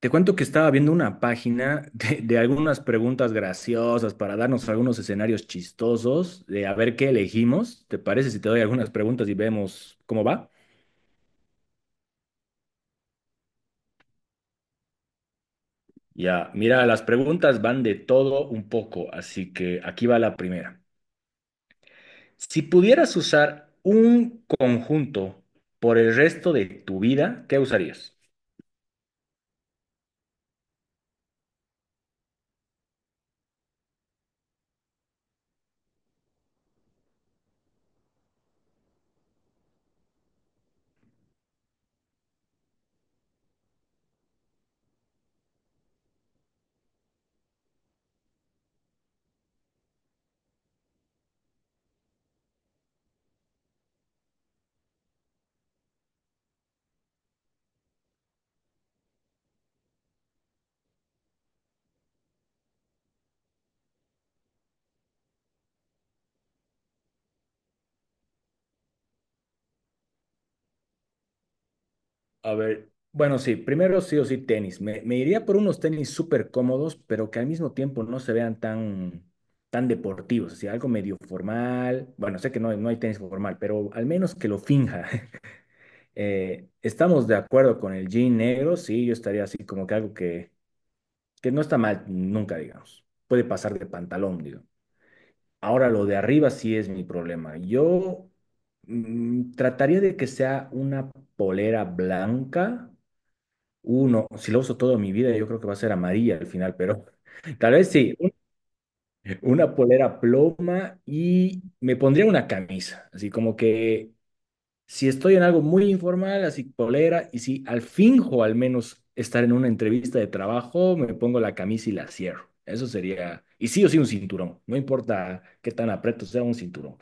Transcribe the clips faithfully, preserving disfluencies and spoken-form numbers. Te cuento que estaba viendo una página de, de algunas preguntas graciosas para darnos algunos escenarios chistosos de a ver qué elegimos. ¿Te parece si te doy algunas preguntas y vemos cómo va? Ya, mira, las preguntas van de todo un poco, así que aquí va la primera. Si pudieras usar un conjunto por el resto de tu vida, ¿qué usarías? A ver, bueno, sí, primero sí o sí tenis. Me, me iría por unos tenis súper cómodos, pero que al mismo tiempo no se vean tan, tan deportivos, así algo medio formal. Bueno, sé que no, hay- no hay tenis formal, pero al menos que lo finja. Eh, estamos de acuerdo con el jean negro, sí, yo estaría así como que algo que, que no está mal nunca, digamos. Puede pasar de pantalón, digo. Ahora lo de arriba sí es mi problema. Yo mm, trataría de que sea una polera blanca uno, si lo uso toda mi vida, yo creo que va a ser amarilla al final, pero tal vez sí, un- una polera ploma y me pondría una camisa, así como que si estoy en algo muy informal, así polera, y si al finjo al menos estar en una entrevista de trabajo, me pongo la camisa y la cierro. Eso sería, y sí o sí un cinturón, no importa qué tan aprieto sea un cinturón.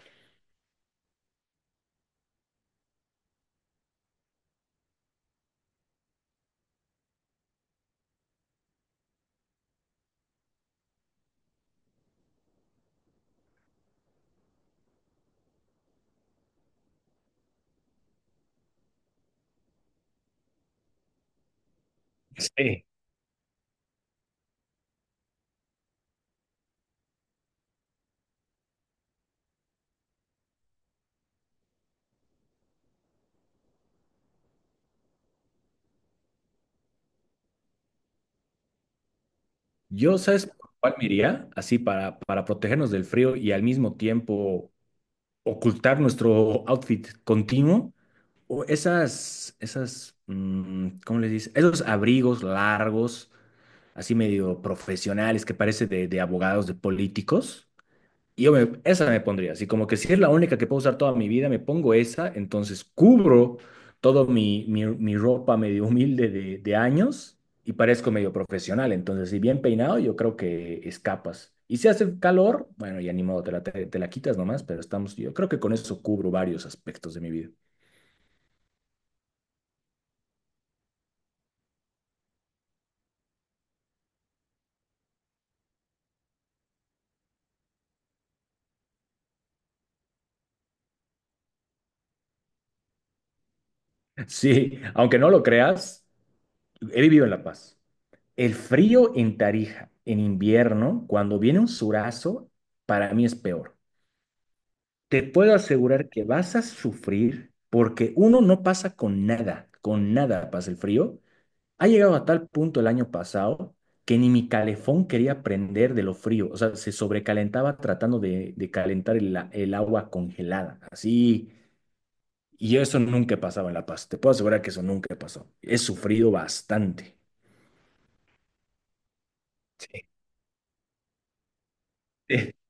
Sí. Yo, ¿sabes por cuál me iría? Así para, para protegernos del frío y al mismo tiempo ocultar nuestro outfit continuo o esas, esas, mm, ¿cómo les dice? Esos abrigos largos, así medio profesionales que parece de, de abogados, de políticos. Y yo me- esa me pondría, así como que si es la única que puedo usar toda mi vida, me pongo esa, entonces cubro todo mi, mi, mi ropa medio humilde de, de años y parezco medio profesional, entonces si bien peinado yo creo que escapas. Y si hace calor, bueno, ya ni modo, te la, te, te la quitas nomás, pero estamos, yo creo que con eso cubro varios aspectos de mi vida. Sí, aunque no lo creas, he vivido en La Paz. El frío en Tarija, en invierno, cuando viene un surazo, para mí es peor. Te puedo asegurar que vas a sufrir porque uno no pasa con nada, con nada pasa el frío. Ha llegado a tal punto el año pasado que ni mi calefón quería prender de lo frío, o sea, se sobrecalentaba tratando de, de calentar el, a- el agua congelada, así. Y eso nunca pasaba en La Paz, te puedo asegurar que eso nunca pasó. He sufrido bastante.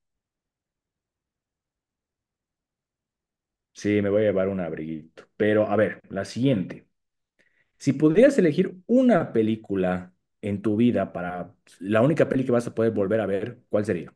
Sí, me voy a llevar un abriguito. Pero a ver, la siguiente. Si pudieras elegir una película en tu vida para la única peli que vas a poder volver a ver, ¿cuál sería?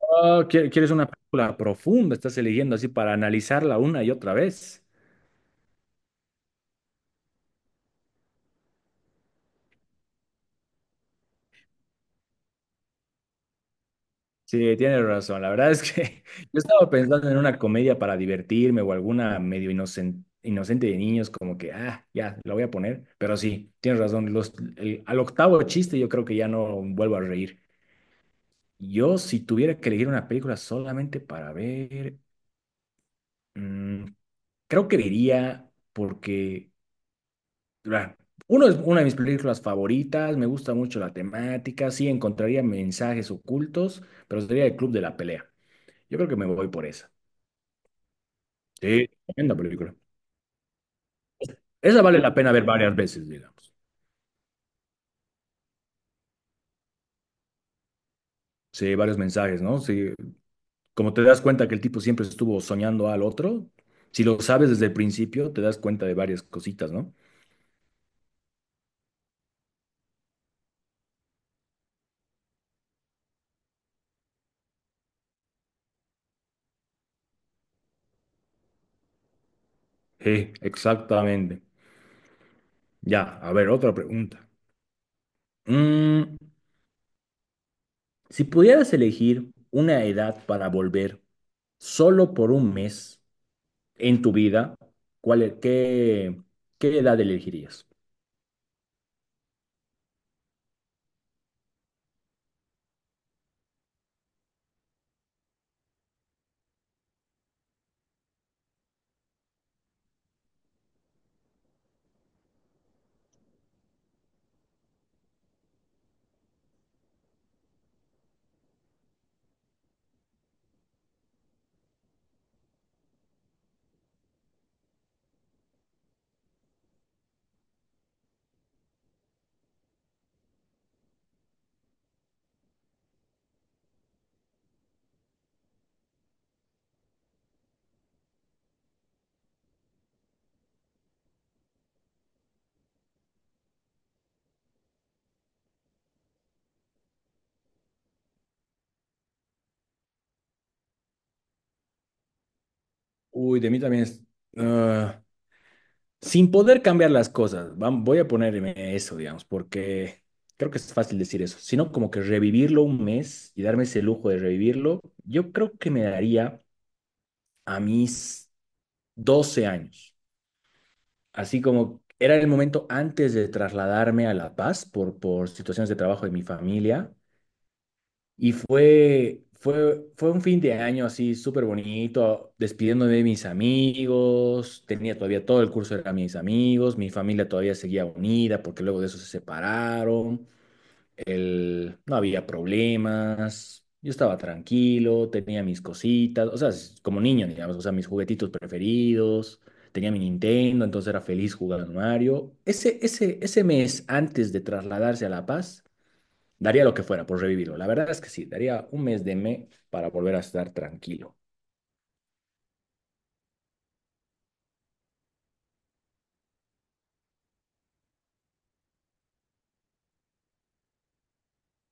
Oh, ¿quie- ¿quieres una película profunda? Estás eligiendo así para analizarla una y otra vez. Sí, tienes razón. La verdad es que yo estaba pensando en una comedia para divertirme o alguna medio inocen- inocente de niños, como que, ah, ya, la voy a poner. Pero sí, tienes razón. Los, el- al octavo chiste yo creo que ya no vuelvo a reír. Yo, si tuviera que elegir una película solamente para ver. mm, Creo que diría porque, ah, uno es una de mis películas favoritas, me gusta mucho la temática, sí encontraría mensajes ocultos, pero sería el Club de la Pelea. Yo creo que me voy por esa. Sí, tremenda película. Esa vale la pena ver varias veces, digamos. Sí, varios mensajes, ¿no? Sí, como te das cuenta que el tipo siempre estuvo soñando al otro, si lo sabes desde el principio, te das cuenta de varias cositas, ¿no? Sí, exactamente. Ya, a ver, otra pregunta. Mm, Si pudieras elegir una edad para volver solo por un mes en tu vida, ¿cuál, e- qué, qué edad elegirías? Uy, de mí también es, ah, sin poder cambiar las cosas, vam- voy a ponerme eso, digamos, porque creo que es fácil decir eso, sino como que revivirlo un mes y darme ese lujo de revivirlo, yo creo que me daría a mis doce años. Así como era el momento antes de trasladarme a La Paz por, por situaciones de trabajo de mi familia. Y fue, fue, fue un fin de año así súper bonito, despidiéndome de mis amigos. Tenía todavía todo el curso, eran mis amigos, mi familia todavía seguía unida porque luego de eso se separaron, el- no había problemas, yo estaba tranquilo, tenía mis cositas, o sea, s- como niño, digamos, o sea, mis juguetitos preferidos, tenía mi Nintendo, entonces era feliz jugando Mario. Ese, ese, ese mes antes de trasladarse a La Paz, daría lo que fuera por revivirlo. La verdad es que sí, daría un mes de me para volver a estar tranquilo.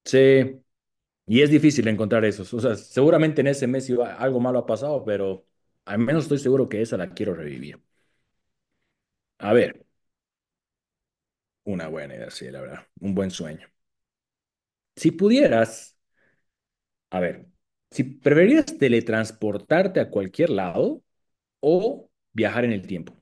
Sí, y es difícil encontrar esos, o sea, seguramente en ese mes iba, algo malo ha pasado, pero al menos estoy seguro que esa la quiero revivir. A ver. Una buena idea, sí, la verdad. Un buen sueño. Si pudieras, a ver, si preferirías teletransportarte a cualquier lado o viajar en el tiempo.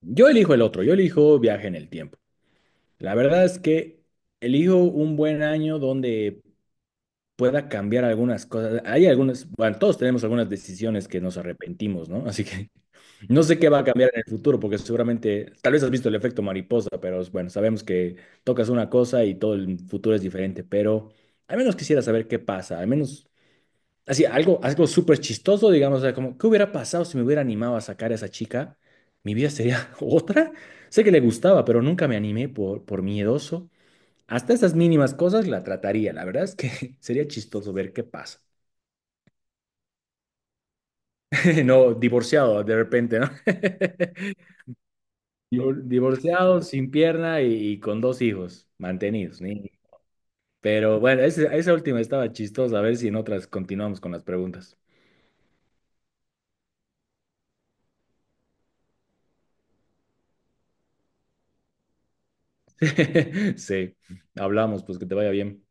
Yo elijo el otro, yo elijo viaje en el tiempo. La verdad es que elijo un buen año donde pueda cambiar algunas cosas. Hay algunas, bueno, todos tenemos algunas decisiones que nos arrepentimos, ¿no? Así que no sé qué va a cambiar en el futuro, porque seguramente, tal vez has visto el efecto mariposa, pero bueno, sabemos que tocas una cosa y todo el futuro es diferente, pero al menos quisiera saber qué pasa, al menos, así, algo, algo súper chistoso, digamos, o sea, como, ¿qué hubiera pasado si me hubiera animado a sacar a esa chica? ¿Mi vida sería otra? Sé que le gustaba, pero nunca me animé por, por miedoso. Hasta esas mínimas cosas la trataría. La verdad es que sería chistoso ver qué pasa. No, divorciado de repente, ¿no? Divor- Divorciado, sin pierna y, y con dos hijos mantenidos. ni- Pero bueno, ese- esa última estaba chistosa. A ver si en otras continuamos con las preguntas. Sí, hablamos, pues que te vaya bien.